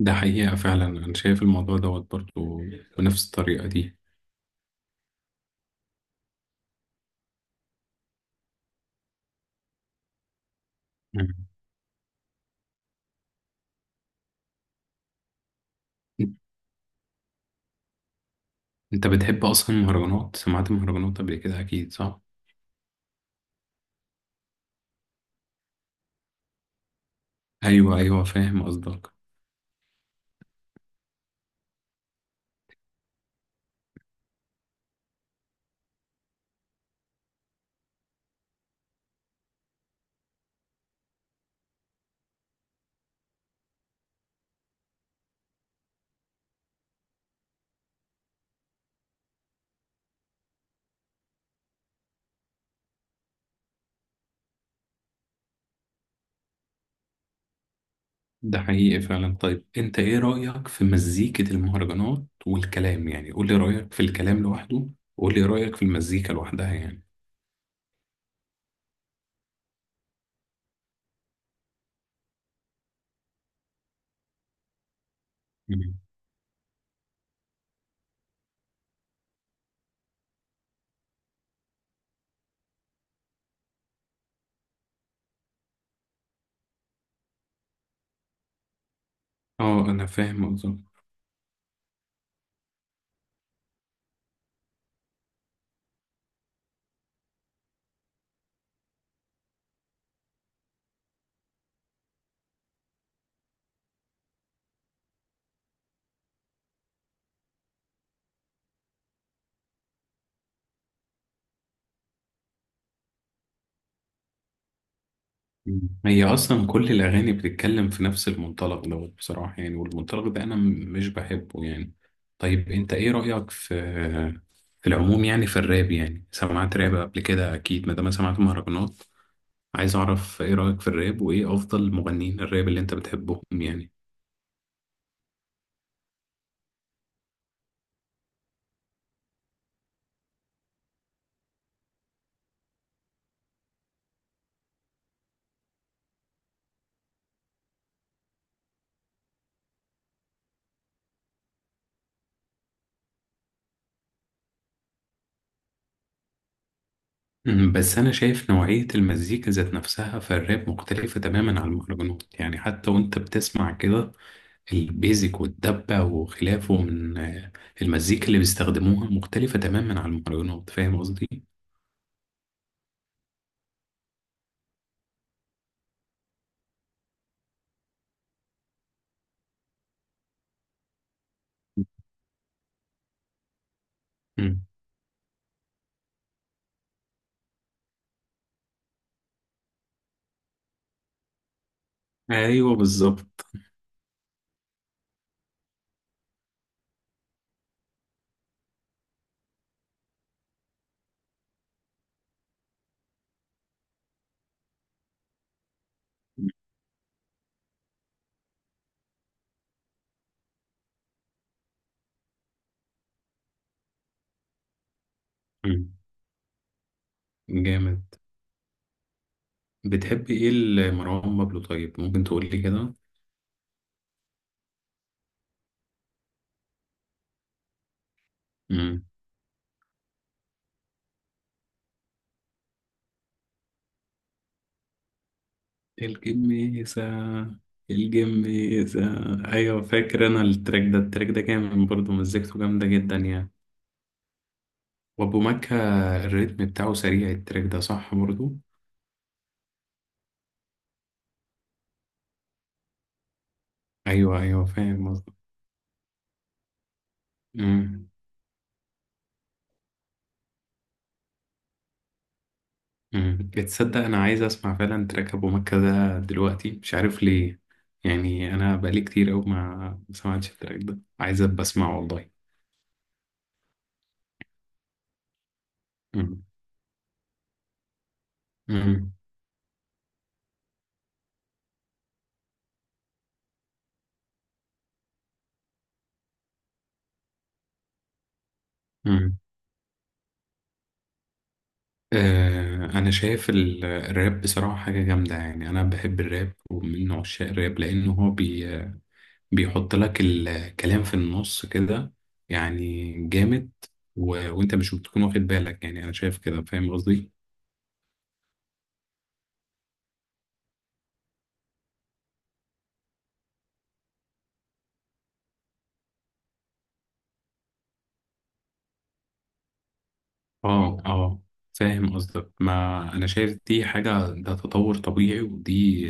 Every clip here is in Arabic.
ده حقيقة فعلا أنا شايف الموضوع دوت برضه بنفس الطريقة دي. مم. أنت بتحب أصلا المهرجانات، سمعت مهرجانات قبل كده أكيد، صح؟ أيوه أيوه، فاهم قصدك. ده حقيقي فعلا. طيب أنت إيه رأيك في مزيكة المهرجانات والكلام؟ يعني قول لي رأيك في الكلام لوحده، وقول لي رأيك في المزيكا لوحدها يعني. مم. أه أنا فاهم قصدك. مم. هي اصلا كل الاغاني بتتكلم في نفس المنطلق دوت بصراحه يعني، والمنطلق ده انا مش بحبه يعني. طيب انت ايه رايك في في العموم؟ يعني في الراب، يعني سمعت راب قبل كده اكيد ما دام سمعت مهرجانات. عايز اعرف ايه رايك في الراب، وايه افضل مغنيين الراب اللي انت بتحبهم يعني. مم، بس انا شايف نوعيه المزيكا ذات نفسها في الراب مختلفه تماما عن المهرجانات، يعني حتى وانت بتسمع كده البيزك والدبة وخلافه من المزيكا اللي بيستخدموها مختلفة تماما عن المهرجانات، فاهم قصدي؟ مم. ايوه بالظبط. مم. جامد. بتحب ايه لمروان بابلو؟ طيب ممكن تقول لي كده. مم. الجميسة. الجميسة. ايوه فاكر انا التراك ده، التراك ده جامد برضه، مزيكته جامدة جدا يعني. وابو مكة، الريتم بتاعه سريع التراك ده، صح برضه؟ ايوه ايوه، فاهم قصدك. مم. بتصدق انا عايز اسمع فعلا تراك ابو مكة ده دلوقتي، مش عارف ليه. يعني انا بقالي كتير قوي ما سمعتش التراك ده، عايز ابقى اسمعه والله. مم. مم. مم. آه انا شايف الراب بصراحة حاجة جامدة يعني، انا بحب الراب ومن عشاق الراب، لانه هو بيحط لك الكلام في النص كده، يعني جامد. وانت مش بتكون واخد بالك يعني، انا شايف كده، فاهم قصدي؟ اه اه، فاهم قصدك، ما انا شايف دي حاجة، ده تطور طبيعي ودي.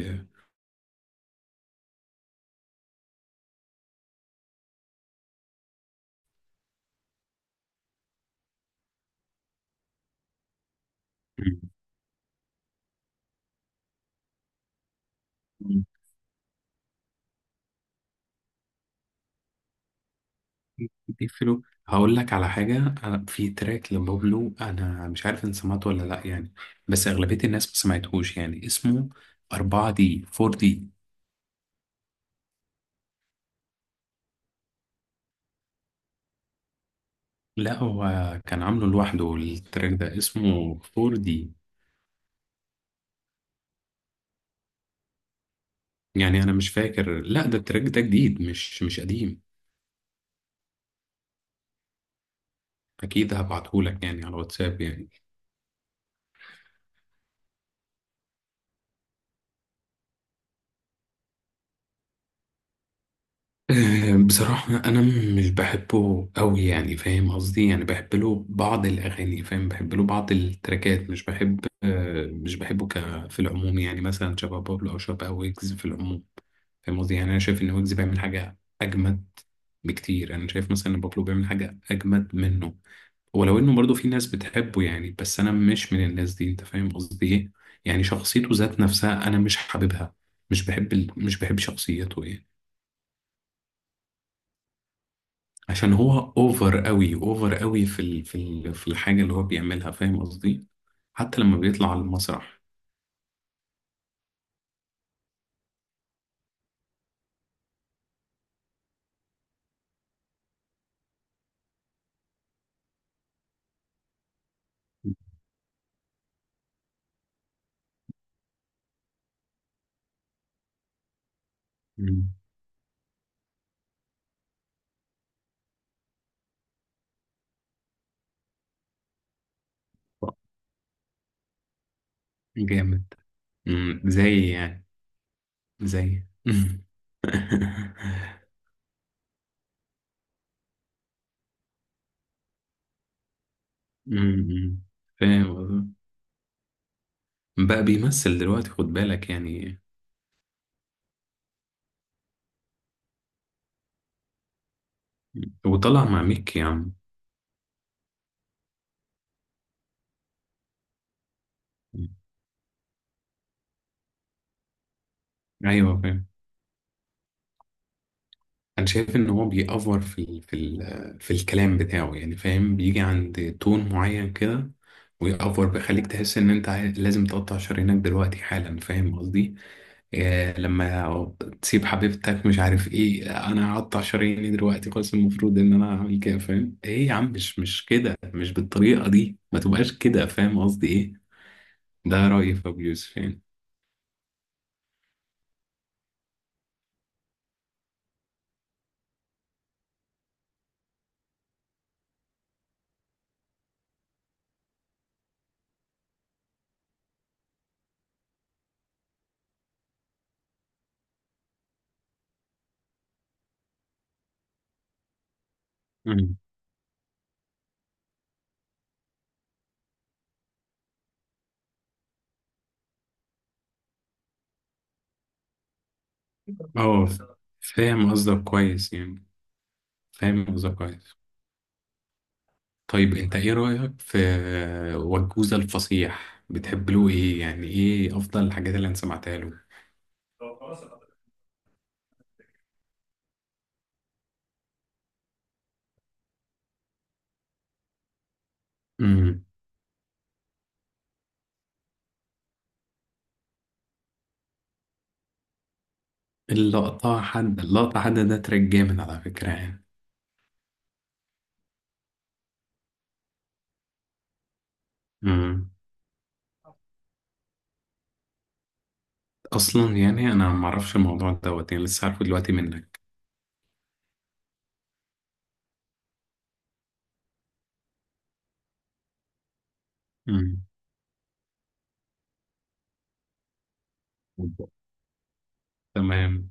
مم. دي فلو. هقول لك على حاجة. أنا في تراك لبابلو أنا مش عارف إن سمعته ولا لأ يعني، بس أغلبية الناس ما سمعتهوش يعني، اسمه 4 دي. 4 دي. لا هو كان عامله لوحده، التراك ده اسمه 4 دي يعني. أنا مش فاكر، لا ده التراك ده جديد، مش قديم. أكيد هبعتهولك يعني على واتساب يعني. أه، بصراحة أنا مش بحبه أوي يعني، فاهم قصدي؟ يعني بحب له بعض الأغاني، فاهم، بحب له بعض التراكات، مش بحب مش بحبه، ك في العموم يعني مثلا شبه بابلو أو شبه ويجز في العموم، فاهم قصدي؟ يعني أنا شايف إن ويجز بيعمل حاجة أجمد بكتير، أنا شايف مثلا إن بابلو بيعمل حاجة أجمد منه، ولو إنه برضه في ناس بتحبه يعني، بس أنا مش من الناس دي، أنت فاهم قصدي إيه. يعني شخصيته ذات نفسها أنا مش حاببها، مش بحب مش بحب شخصيته يعني. عشان هو اوفر قوي، اوفر قوي في في الحاجه اللي هو بيعملها، فاهم قصدي؟ حتى لما بيطلع على المسرح. مم. جامد. مم. زي يعني، زي مم. فاهم قصدي، بقى بيمثل دلوقتي خد بالك يعني. وطلع مع ميكي يا عم. ايوه فاهم، انا شايف ان هو بيأفور في ال في ال في الكلام بتاعه يعني، فاهم، بيجي عند تون معين كده ويأفور، بيخليك تحس ان انت لازم تقطع شرايينك دلوقتي حالا، فاهم قصدي؟ إيه لما تسيب حبيبتك، مش عارف ايه، انا هقطع شراييني دلوقتي خلاص، المفروض ان انا اعمل كده؟ فاهم ايه يا عم، مش كده، مش بالطريقة دي، ما تبقاش كده، فاهم قصدي ايه؟ ده رأيي في ابو يوسف يعني. مم. اه فاهم قصدك كويس يعني، فاهم قصدك كويس. طيب انت ايه رأيك في وجوزة الفصيح؟ بتحب له ايه يعني؟ ايه افضل الحاجات اللي انا سمعتها له؟ امم. اللقطة حد، اللقطة حد ده تراك جامد على فكرة يعني. امم. اصلا يعني انا ما اعرفش الموضوع دوت يعني، لسه عارفه دلوقتي منك. امم. تمام.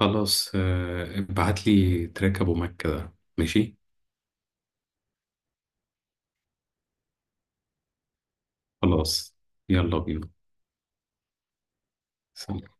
خلاص آه، ابعت لي تراك ابو مكة ده ماشي. خلاص، يلا بينا. سلام.